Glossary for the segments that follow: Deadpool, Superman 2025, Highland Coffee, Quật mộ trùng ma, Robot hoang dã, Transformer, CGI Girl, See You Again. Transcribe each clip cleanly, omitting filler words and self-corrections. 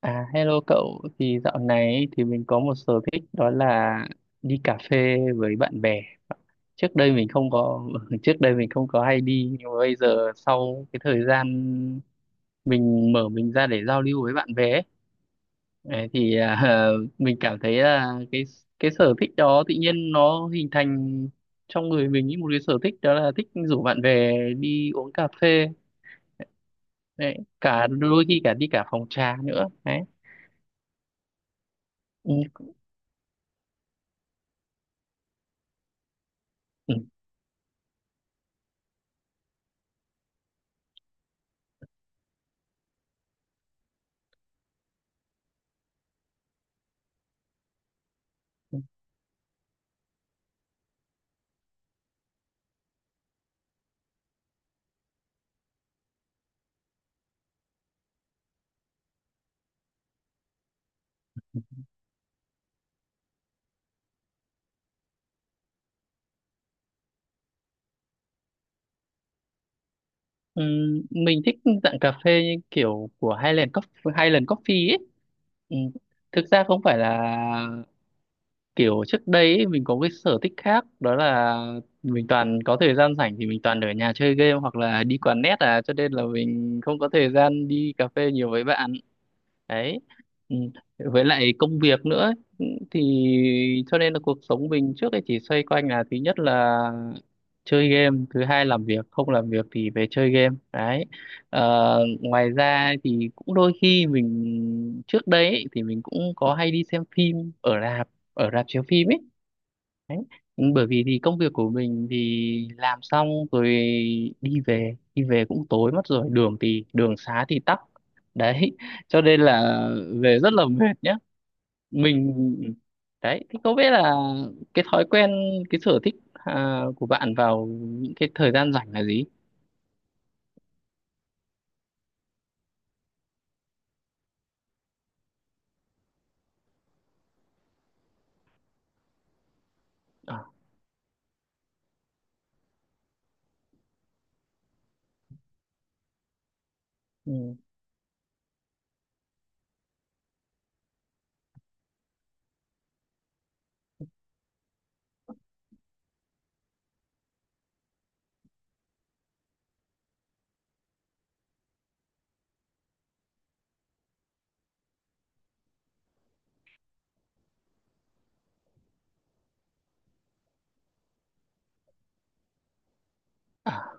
À, hello cậu, thì dạo này ấy, thì mình có một sở thích đó là đi cà phê với bạn bè. Trước đây mình không có, Trước đây mình không có hay đi, nhưng mà bây giờ sau cái thời gian mình mở mình ra để giao lưu với bạn bè ấy, đấy, thì mình cảm thấy là cái sở thích đó tự nhiên nó hình thành trong người mình ý, một cái sở thích đó là thích rủ bạn bè đi uống cà phê, đấy, cả đôi khi cả đi cả phòng trà nữa. Đấy. Ừ. Ừ, ừ. Mình thích dạng cà phê như kiểu của Highland Coffee, Highland Coffee ấy. Ừm, thực ra không phải là kiểu trước đây ấy, mình có cái sở thích khác đó là mình toàn có thời gian rảnh thì mình toàn ở nhà chơi game hoặc là đi quán net cho nên là mình không có thời gian đi cà phê nhiều với bạn đấy. Ừ. Với lại công việc nữa ấy. Ừ, thì cho nên là cuộc sống mình trước đây chỉ xoay quanh là thứ nhất là chơi game, thứ hai làm việc, không làm việc thì về chơi game. Đấy. Ngoài ra thì cũng đôi khi mình trước đấy ấy, thì mình cũng có hay đi xem phim ở rạp chiếu phim ấy. Đấy. Bởi vì thì công việc của mình thì làm xong rồi đi về, cũng tối mất rồi, đường xá thì tắc đấy cho nên là về rất là mệt nhá. Mình đấy thì có biết là cái thói quen cái sở thích của bạn vào những cái thời gian rảnh là gì. À, ừ, à,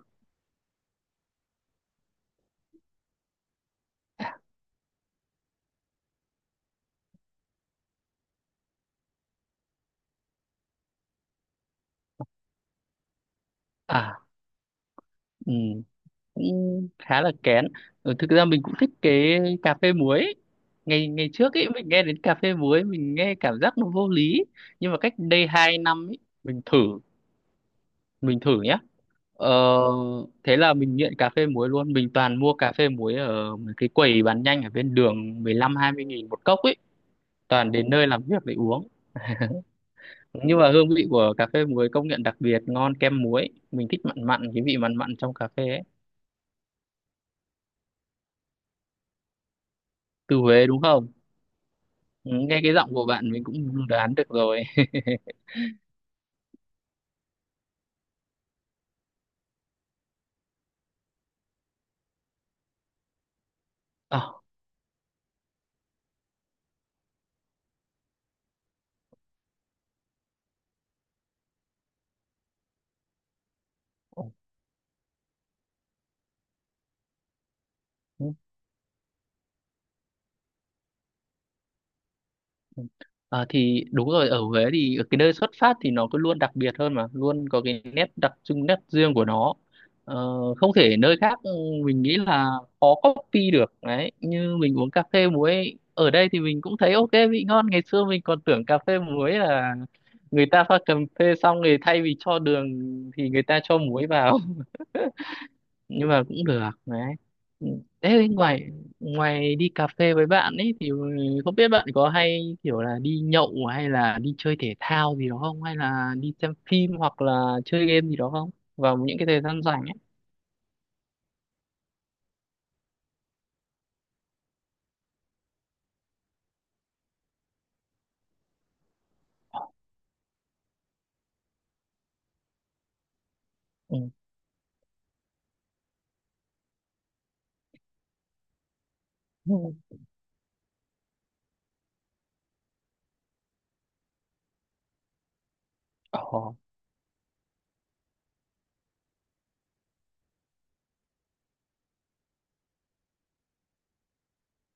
à, ừ. Cũng khá là kén. Ừ, thực ra mình cũng thích cái cà phê muối ấy. Ngày ngày trước ấy mình nghe đến cà phê muối mình nghe cảm giác nó vô lý, nhưng mà cách đây 2 năm ấy mình thử mình thử nhé. Ờ, thế là mình nghiện cà phê muối luôn, mình toàn mua cà phê muối ở mấy cái quầy bán nhanh ở bên đường, 15 20 nghìn một cốc ấy, toàn đến nơi làm việc để uống. Nhưng mà hương vị của cà phê muối công nhận đặc biệt ngon, kem muối mình thích mặn mặn, cái vị mặn mặn trong cà phê ấy. Từ Huế đúng không? Ừ, nghe cái giọng của bạn mình cũng đoán được rồi. Ờ, ừ, ừ. Ờ, thì đúng rồi, ở Huế thì ở cái nơi xuất phát thì nó cứ luôn đặc biệt hơn mà luôn có cái nét đặc trưng, nét riêng của nó. Ờ, Không thể nơi khác, mình nghĩ là khó copy được đấy. Như mình uống cà phê muối ở đây thì mình cũng thấy ok, vị ngon. Ngày xưa mình còn tưởng cà phê muối là người ta pha cà phê xong rồi thay vì cho đường thì người ta cho muối vào. Nhưng mà cũng được đấy. Ừ. Thế ngoài ngoài đi cà phê với bạn ấy thì không biết bạn có hay kiểu là đi nhậu hay là đi chơi thể thao gì đó không, hay là đi xem phim hoặc là chơi game gì đó không, vào những cái thời gian rảnh ấy. Ừ. Ừ. Ồ.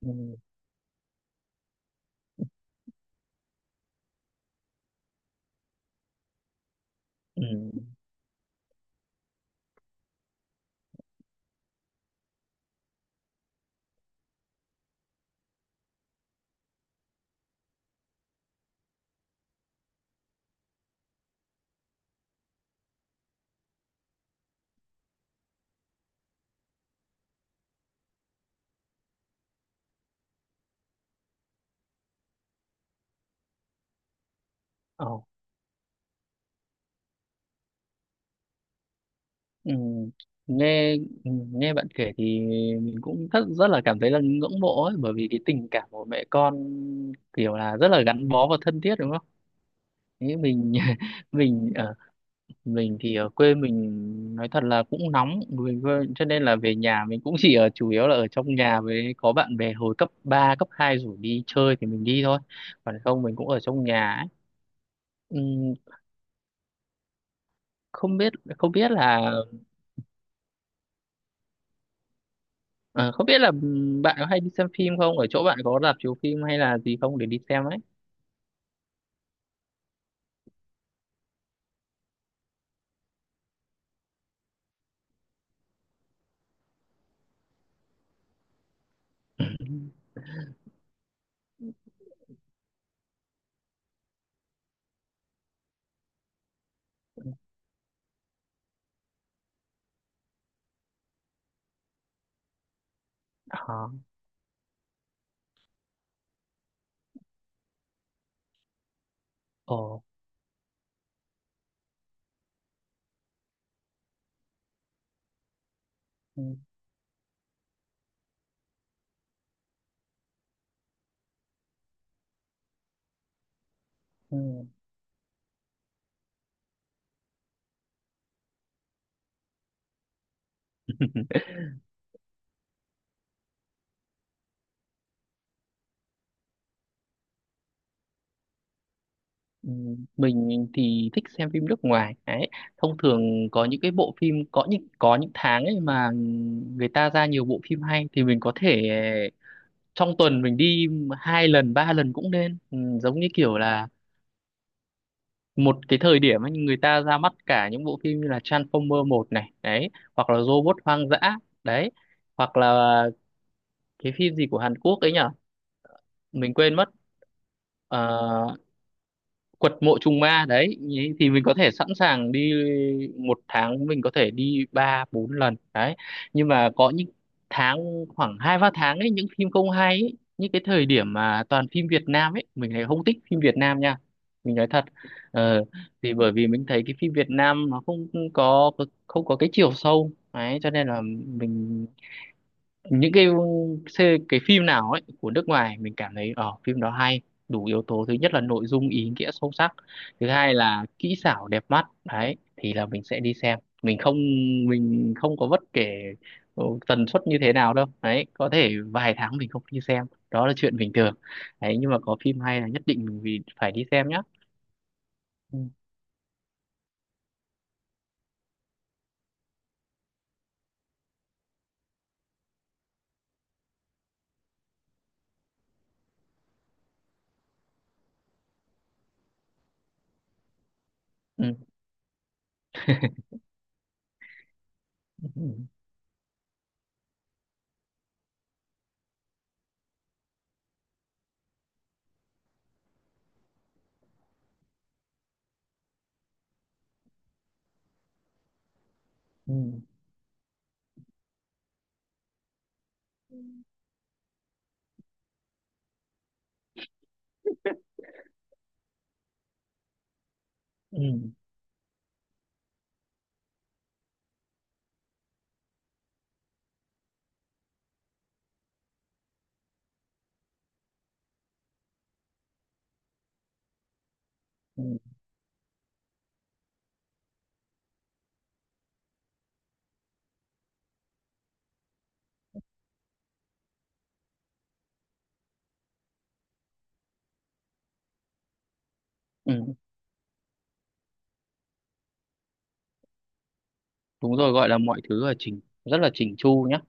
Ừ. Ừ. Ồ. Ừ. Nghe bạn kể thì mình cũng rất rất là cảm thấy là ngưỡng mộ ấy, bởi vì cái tình cảm của mẹ con kiểu là rất là gắn bó và thân thiết đúng không? Thế mình mình mình thì ở quê mình nói thật là cũng nóng cho nên là về nhà mình cũng chỉ ở chủ yếu là ở trong nhà, với có bạn bè hồi cấp 3, cấp 2 rủ đi chơi thì mình đi thôi, còn không mình cũng ở trong nhà ấy. Ừm, không biết không biết là ờ, không biết là bạn có hay đi xem phim không, ở chỗ bạn có rạp chiếu phim hay là gì không để đi xem ấy. Ờ. Ồ. Ừ. Ừ. Ừ, mình thì thích xem phim nước ngoài ấy. Thông thường có những cái bộ phim, có những tháng ấy mà người ta ra nhiều bộ phim hay thì mình có thể trong tuần mình đi 2 lần 3 lần cũng nên, ừ, giống như kiểu là một cái thời điểm ấy, người ta ra mắt cả những bộ phim như là Transformer một này đấy, hoặc là Robot hoang dã đấy, hoặc là cái phim gì của Hàn Quốc ấy nhở, mình quên mất. Ờ, quật mộ trùng ma đấy ý, thì mình có thể sẵn sàng đi, một tháng mình có thể đi 3 4 lần đấy. Nhưng mà có những tháng khoảng 2 3 tháng ấy những phim không hay ấy, những cái thời điểm mà toàn phim Việt Nam ấy mình lại không thích phim Việt Nam nha, mình nói thật. Ờ, thì bởi vì mình thấy cái phim Việt Nam nó có không có cái chiều sâu, đấy cho nên là mình những cái phim nào ấy của nước ngoài mình cảm thấy ở phim đó hay, đủ yếu tố thứ nhất là nội dung ý nghĩa sâu sắc, thứ hai là kỹ xảo đẹp mắt, đấy thì là mình sẽ đi xem. Mình không có bất kể tần suất như thế nào đâu, đấy có thể vài tháng mình không đi xem đó là chuyện bình thường, đấy nhưng mà có phim hay là nhất định mình phải đi xem nhá. Ừ. Ừ. Ừ. Ừ. Ừ. Ừ. Ừ, ừ. Đúng rồi, gọi là mọi thứ là rất là chỉnh chu nhá.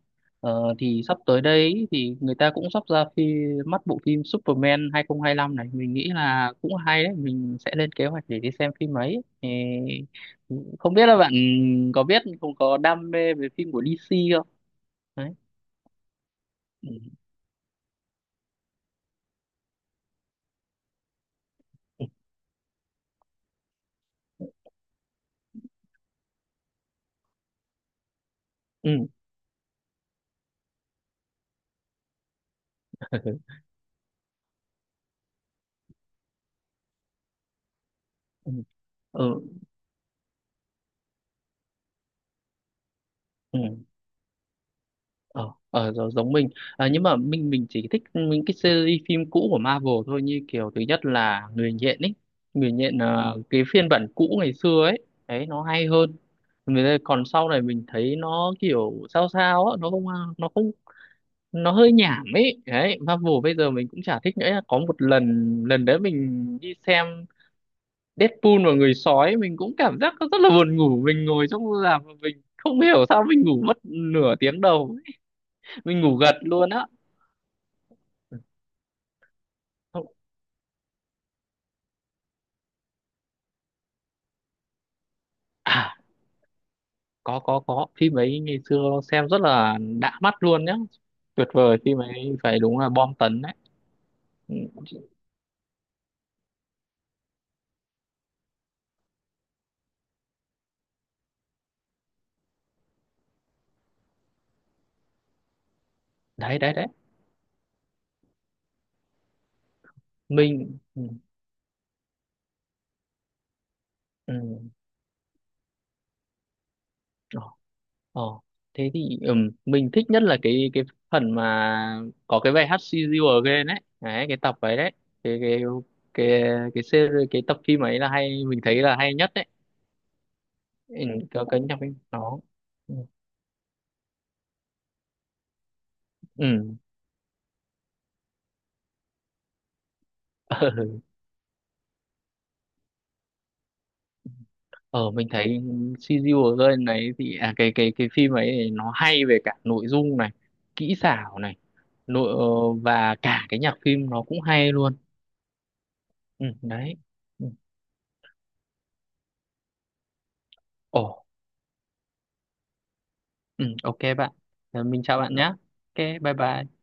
Ờ, thì sắp tới đây thì người ta cũng sắp ra phim mắt bộ phim Superman 2025 này, mình nghĩ là cũng hay đấy, mình sẽ lên kế hoạch để đi xem phim ấy. Ê, không biết là bạn có biết không có đam mê về phim của DC không, đấy. Ừ. Ừ. Ừ. Ừ. Ờ Giống giống mình. À, nhưng mà mình chỉ thích những cái series phim cũ của Marvel thôi, như kiểu thứ nhất là Người nhện ấy, Người nhện là cái phiên bản cũ ngày xưa ấy, đấy nó hay hơn. Còn sau này mình thấy nó kiểu sao sao á, nó không nó không nó hơi nhảm ấy, đấy Marvel bây giờ mình cũng chả thích nữa. Có một lần, lần đấy mình đi xem Deadpool và người sói mình cũng cảm giác nó rất là buồn ngủ, mình ngồi trong rạp và mình không hiểu sao mình ngủ mất nửa tiếng đầu, mình ngủ gật luôn á. Không. À, có phim ấy, ngày xưa xem rất là đã mắt luôn nhá, tuyệt vời, phim ấy phải đúng là bom tấn đấy. Ừ, đấy đấy đấy. Mình, ừ, ừ. Ờ, ờ. Thế thì, mình thích nhất là cái phần mà có cái bài hát See You Again đấy, đấy cái tập ấy đấy, cái cái cái cái tập phim ấy là hay, mình thấy là hay nhất đấy. Ừ, có cái nhạc phim đó. Ừ. Ừ. Ờ mình thấy CGI Girl này thì cái phim ấy thì nó hay về cả nội dung này, kỹ xảo này, nội ờ, và cả cái nhạc phim nó cũng hay luôn. Ừ, đấy. Ừ. Ồ. Ừ, ok bạn. Ờ, mình chào bạn nhé. Ok bye bye.